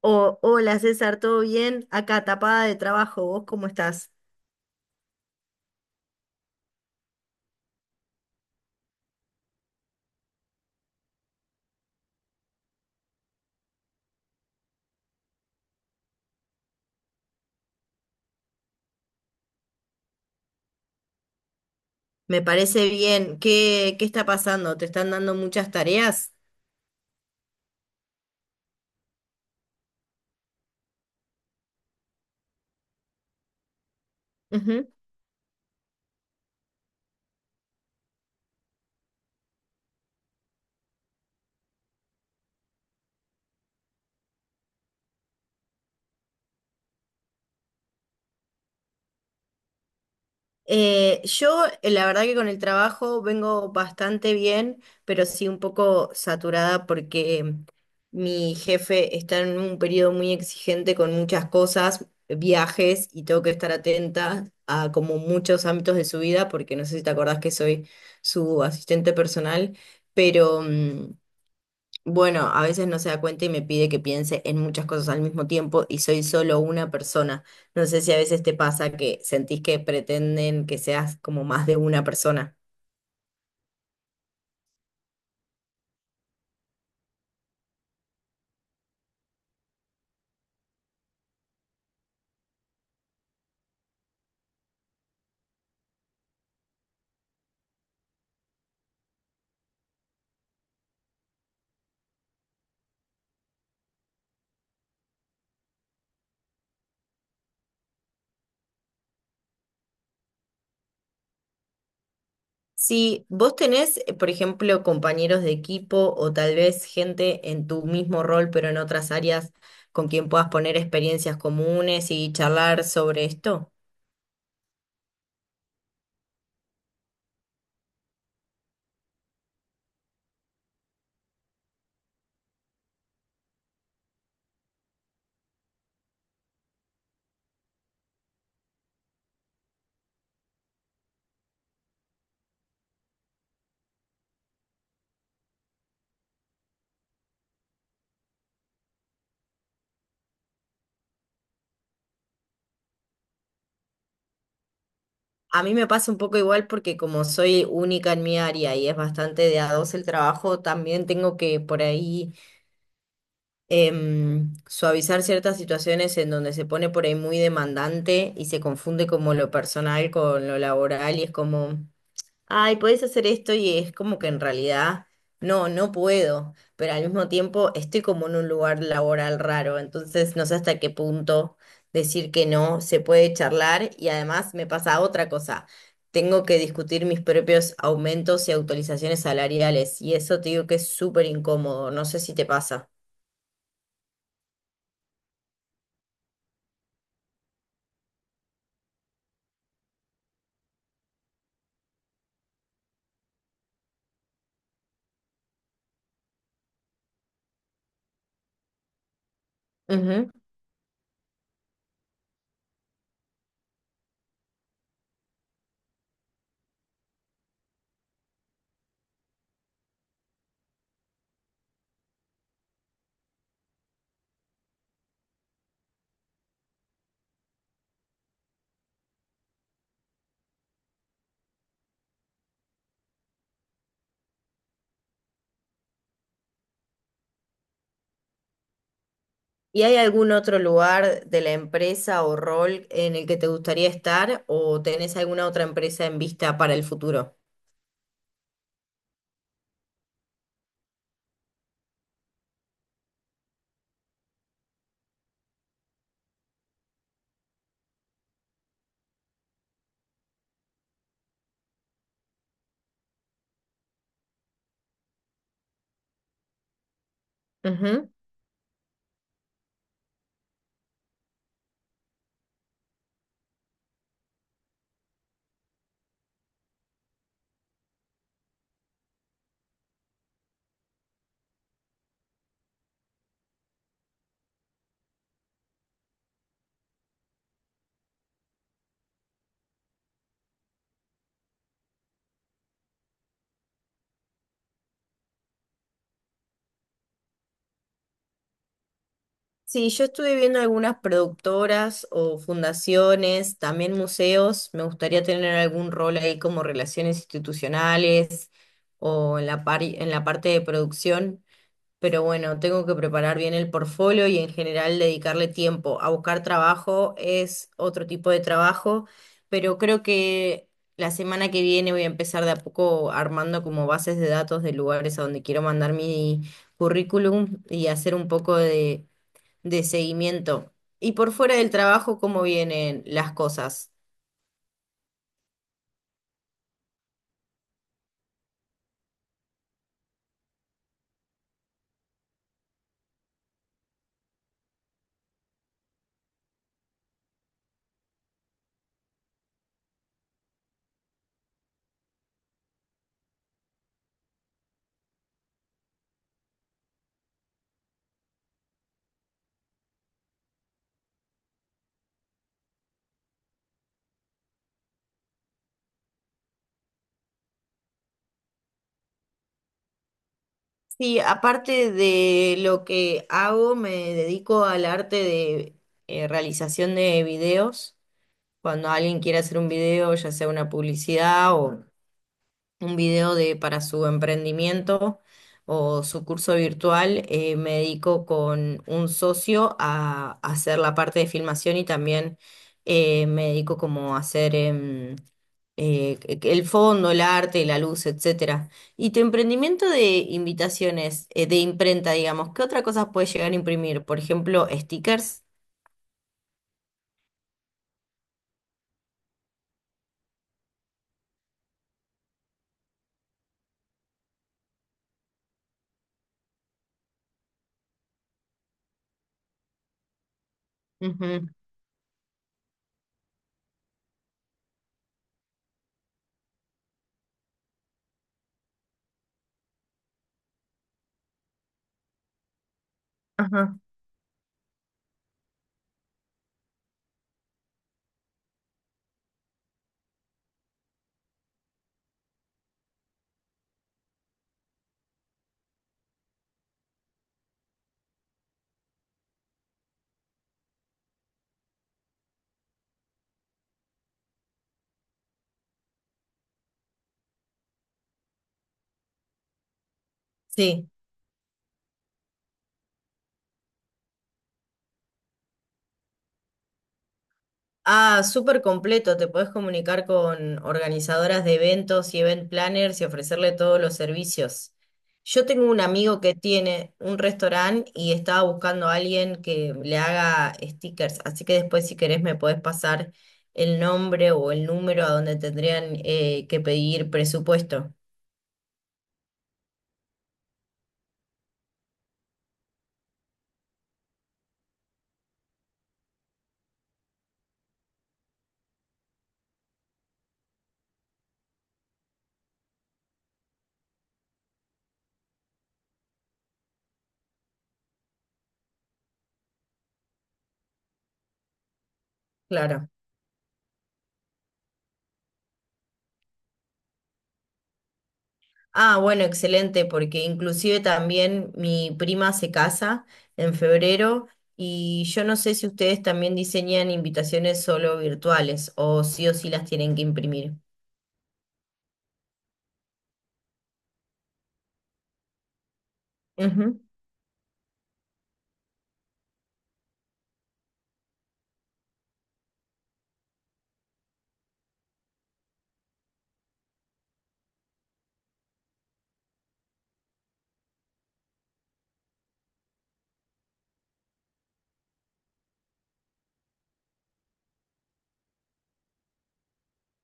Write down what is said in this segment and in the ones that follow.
O, hola César, ¿todo bien? Acá tapada de trabajo, ¿vos cómo estás? Me parece bien. ¿Qué está pasando? ¿Te están dando muchas tareas? Ujú. La verdad que con el trabajo vengo bastante bien, pero sí un poco saturada porque mi jefe está en un periodo muy exigente con muchas cosas, viajes, y tengo que estar atenta a como muchos ámbitos de su vida, porque no sé si te acordás que soy su asistente personal, pero... mm, bueno, a veces no se da cuenta y me pide que piense en muchas cosas al mismo tiempo y soy solo una persona. No sé si a veces te pasa que sentís que pretenden que seas como más de una persona. Si vos tenés, por ejemplo, compañeros de equipo o tal vez gente en tu mismo rol, pero en otras áreas con quien puedas poner experiencias comunes y charlar sobre esto. A mí me pasa un poco igual porque como soy única en mi área y es bastante de a dos el trabajo, también tengo que por ahí suavizar ciertas situaciones en donde se pone por ahí muy demandante y se confunde como lo personal con lo laboral y es como, ay, podés hacer esto y es como que en realidad no puedo, pero al mismo tiempo estoy como en un lugar laboral raro, entonces no sé hasta qué punto decir que no se puede charlar y además me pasa otra cosa. Tengo que discutir mis propios aumentos y actualizaciones salariales, y eso te digo que es súper incómodo. No sé si te pasa. ¿Y hay algún otro lugar de la empresa o rol en el que te gustaría estar o tenés alguna otra empresa en vista para el futuro? Ujú. Sí, yo estuve viendo algunas productoras o fundaciones, también museos. Me gustaría tener algún rol ahí como relaciones institucionales o en en la parte de producción. Pero bueno, tengo que preparar bien el portfolio y en general dedicarle tiempo. A buscar trabajo es otro tipo de trabajo, pero creo que la semana que viene voy a empezar de a poco armando como bases de datos de lugares a donde quiero mandar mi currículum y hacer un poco de seguimiento. Y por fuera del trabajo, ¿cómo vienen las cosas? Sí, aparte de lo que hago, me dedico al arte de realización de videos. Cuando alguien quiere hacer un video, ya sea una publicidad o un video para su emprendimiento o su curso virtual, me dedico con un socio a hacer la parte de filmación y también me dedico como a hacer el fondo, el arte, la luz, etcétera. Y tu emprendimiento de invitaciones, de imprenta, digamos, ¿qué otra cosa puedes llegar a imprimir? Por ejemplo, stickers. Ujú. Ajá. Sí. Ah, súper completo. Te podés comunicar con organizadoras de eventos y event planners y ofrecerle todos los servicios. Yo tengo un amigo que tiene un restaurante y estaba buscando a alguien que le haga stickers. Así que después, si querés, me podés pasar el nombre o el número a donde tendrían que pedir presupuesto. Claro. Ah, bueno, excelente, porque inclusive también mi prima se casa en febrero y yo no sé si ustedes también diseñan invitaciones solo virtuales o sí las tienen que imprimir. Ujú.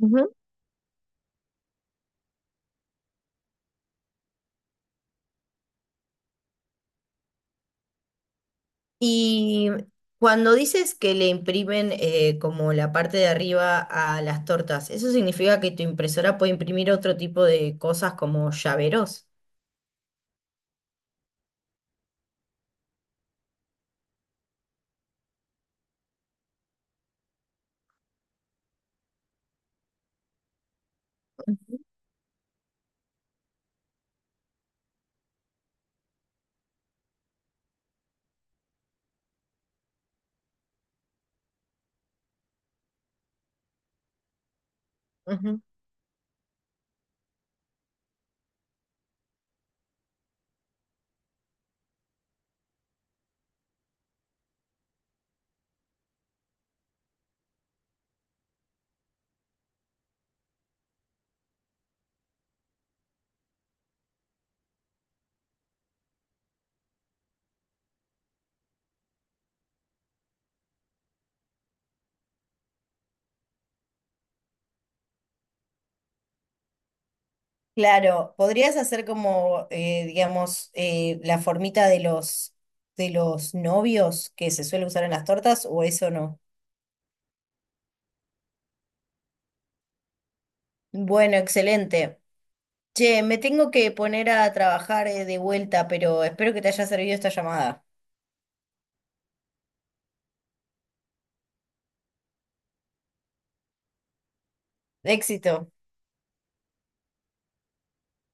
Ujú. Y cuando dices que le imprimen como la parte de arriba a las tortas, ¿eso significa que tu impresora puede imprimir otro tipo de cosas como llaveros? Claro, podrías hacer como, digamos, la formita de de los novios que se suele usar en las tortas, o eso no. Bueno, excelente. Che, me tengo que poner a trabajar, de vuelta, pero espero que te haya servido esta llamada. Éxito.